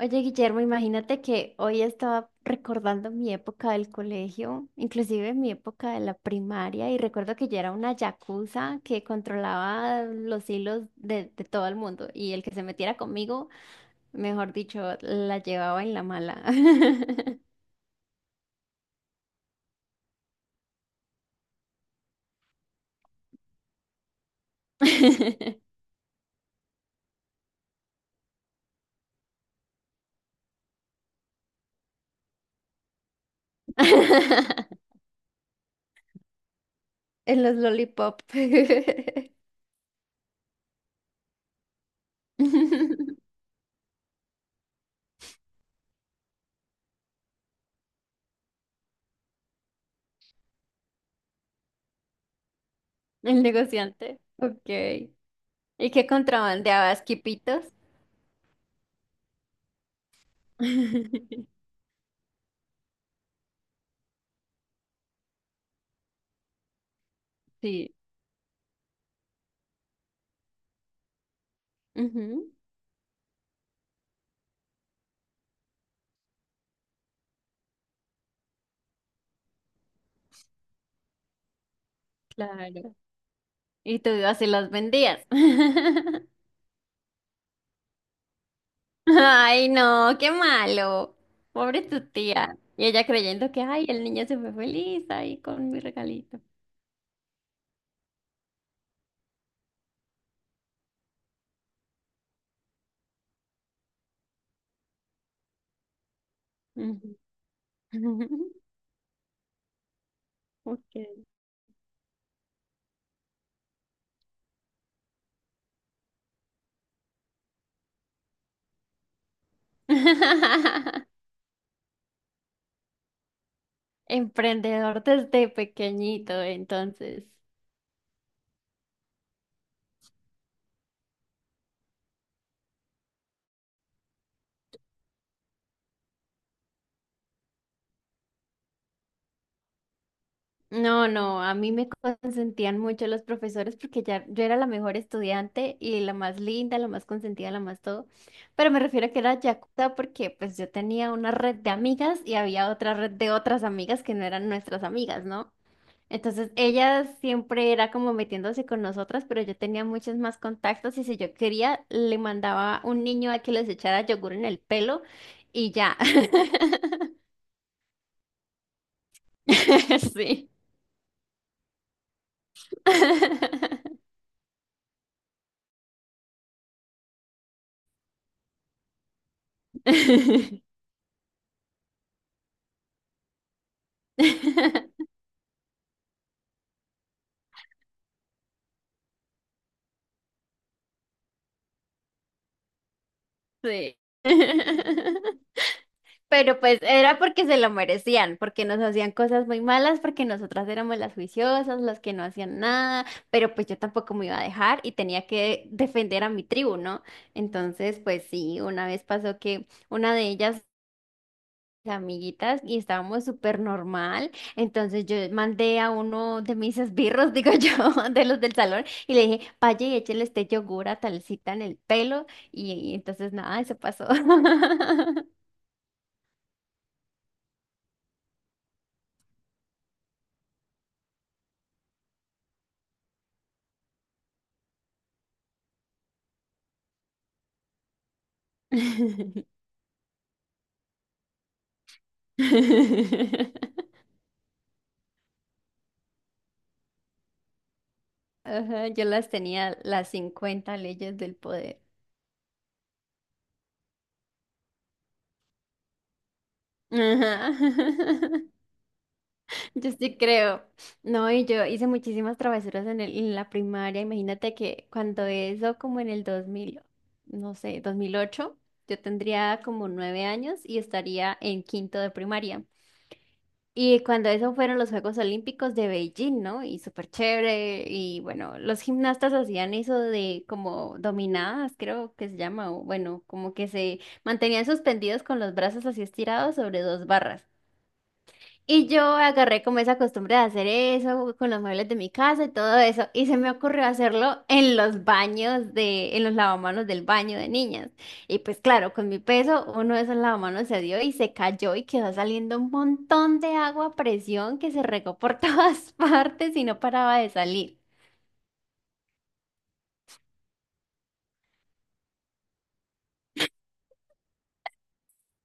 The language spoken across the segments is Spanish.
Oye, Guillermo, imagínate que hoy estaba recordando mi época del colegio, inclusive mi época de la primaria, y recuerdo que yo era una yakuza que controlaba los hilos de todo el mundo, y el que se metiera conmigo, mejor dicho, la llevaba en la mala. En los lollipop. El negociante. Ok. ¿Y qué contrabandeabas, quipitos? Sí. Ujú. Claro. Y tú ibas y las vendías. Ay, no, qué malo. Pobre tu tía. Y ella creyendo que, ay, el niño se fue feliz ahí con mi regalito. Ujú. Ok. Emprendedor desde pequeñito, entonces. No, no, a mí me consentían mucho los profesores porque ya yo era la mejor estudiante y la más linda, la más consentida, la más todo. Pero me refiero a que era yakuza porque pues yo tenía una red de amigas y había otra red de otras amigas que no eran nuestras amigas, ¿no? Entonces ellas siempre era como metiéndose con nosotras, pero yo tenía muchos más contactos y si yo quería le mandaba un niño a que les echara yogur en el pelo y ya. Sí. Sí. Pero pues era porque se lo merecían, porque nos hacían cosas muy malas, porque nosotras éramos las juiciosas, las que no hacían nada, pero pues yo tampoco me iba a dejar y tenía que defender a mi tribu, ¿no? Entonces, pues sí, una vez pasó que una de ellas amiguitas y estábamos súper normal. Entonces yo mandé a uno de mis esbirros, digo yo, de los del salón, y le dije, vaya y échele este yogur a talcita en el pelo. Y, entonces nada, eso pasó. Ajá, yo las tenía las 50 leyes del poder. Ajá. Yo sí creo. No, y yo hice muchísimas travesuras en la primaria. Imagínate que cuando eso, como en el 2000, no sé, 2008, yo tendría como 9 años y estaría en quinto de primaria. Y cuando eso fueron los Juegos Olímpicos de Beijing, ¿no? Y súper chévere. Y bueno, los gimnastas hacían eso de como dominadas, creo que se llama. O bueno, como que se mantenían suspendidos con los brazos así estirados sobre dos barras. Y yo agarré como esa costumbre de hacer eso con los muebles de mi casa y todo eso. Y se me ocurrió hacerlo en los baños en los lavamanos del baño de niñas. Y pues claro, con mi peso, uno de esos lavamanos se dio y se cayó y quedó saliendo un montón de agua a presión que se regó por todas partes y no paraba de salir.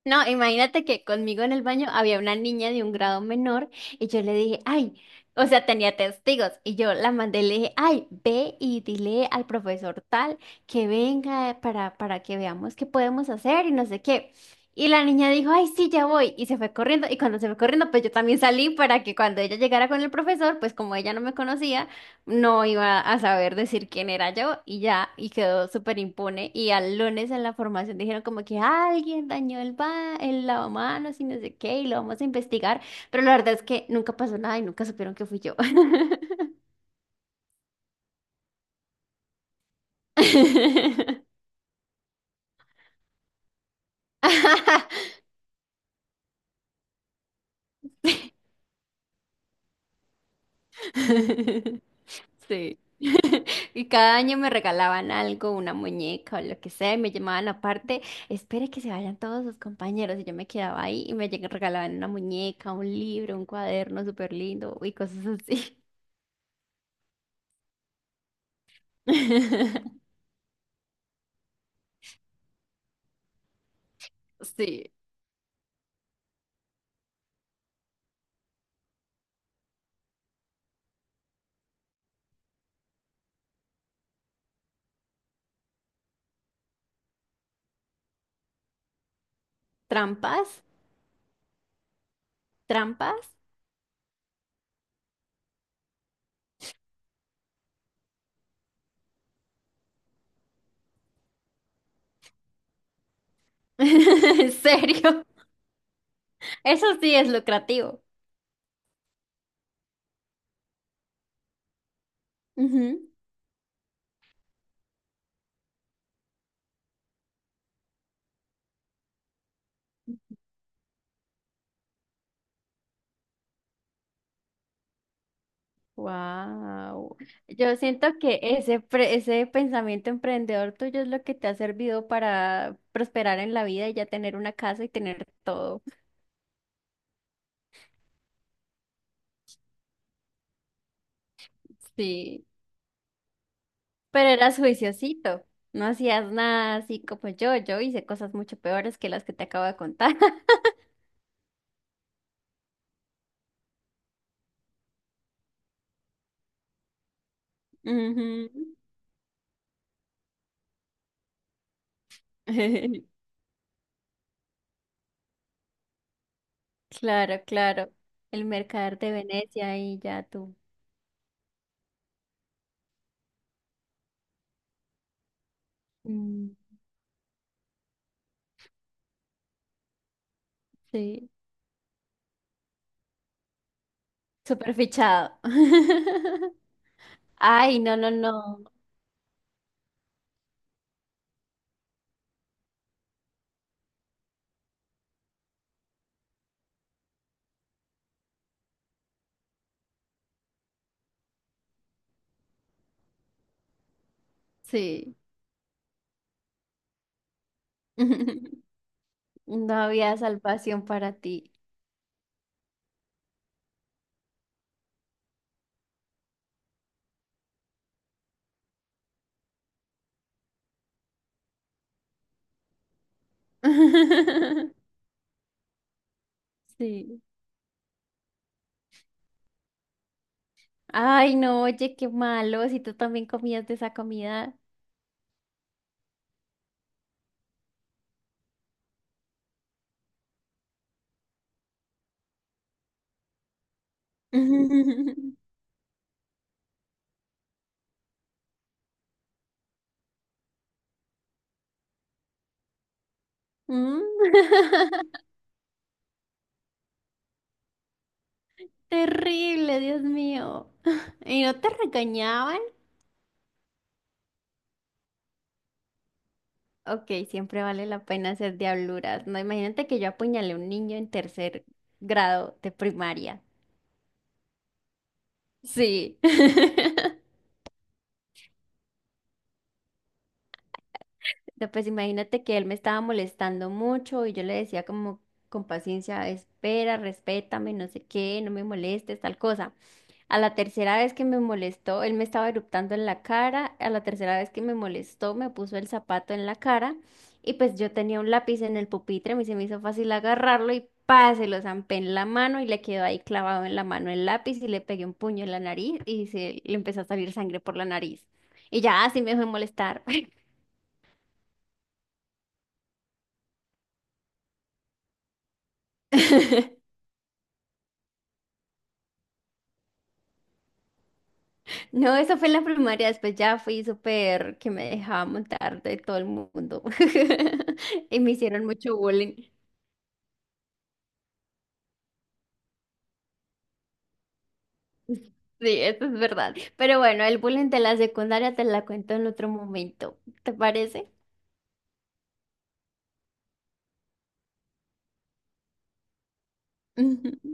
No, imagínate que conmigo en el baño había una niña de un grado menor y yo le dije, ay, o sea, tenía testigos y yo la mandé y le dije, ay, ve y dile al profesor tal que venga para que veamos qué podemos hacer y no sé qué. Y la niña dijo, ay, sí, ya voy y se fue corriendo y cuando se fue corriendo, pues yo también salí para que cuando ella llegara con el profesor, pues como ella no me conocía, no iba a saber decir quién era yo y ya, y quedó súper impune. Y al lunes en la formación dijeron como que "Ah, alguien dañó el lavamanos y no sé qué, y lo vamos a investigar." Pero la verdad es que nunca pasó nada y nunca supieron que fui yo. Sí. Y cada año me regalaban algo, una muñeca o lo que sea, y me llamaban aparte, espere que se vayan todos sus compañeros, y yo me quedaba ahí y regalaban una muñeca, un libro, un cuaderno súper lindo y cosas así. Sí. ¿Trampas? ¿Trampas? ¿En serio? Eso sí es lucrativo. Ujú. Wow. Yo siento que ese pensamiento emprendedor tuyo es lo que te ha servido para prosperar en la vida y ya tener una casa y tener todo. Sí. Pero eras juiciosito, no hacías nada así como yo. Yo hice cosas mucho peores que las que te acabo de contar. Ujú. Claro, claro. El mercader de Venecia y ya tú. Mm, sí. Súper fichado. Ay, no, no, no. Sí. No había salvación para ti. Sí. Ay, no, oye, qué malo, si tú también comías de esa comida. Mm. Terrible, Dios mío. ¿Y no te regañaban? Ok, siempre vale la pena hacer diabluras. No, imagínate que yo apuñalé a un niño en tercer grado de primaria. Sí. No, pues imagínate que él me estaba molestando mucho y yo le decía como con paciencia, espera, respétame, no sé qué, no me molestes, tal cosa. A la tercera vez que me molestó, él me estaba eruptando en la cara, a la tercera vez que me molestó, me puso el zapato en la cara y pues yo tenía un lápiz en el pupitre, me se me hizo fácil agarrarlo y pa, se lo zampé en la mano y le quedó ahí clavado en la mano el lápiz y le pegué un puño en la nariz y se le empezó a salir sangre por la nariz. Y ya, así me dejó de molestar. No, eso fue en la primaria, después ya fui súper que me dejaba montar de todo el mundo. Y me hicieron mucho bullying. Sí, eso es verdad. Pero bueno, el bullying de la secundaria te la cuento en otro momento. ¿Te parece?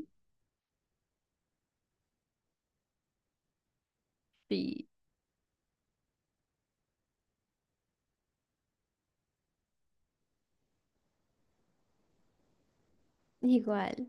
Sí, igual.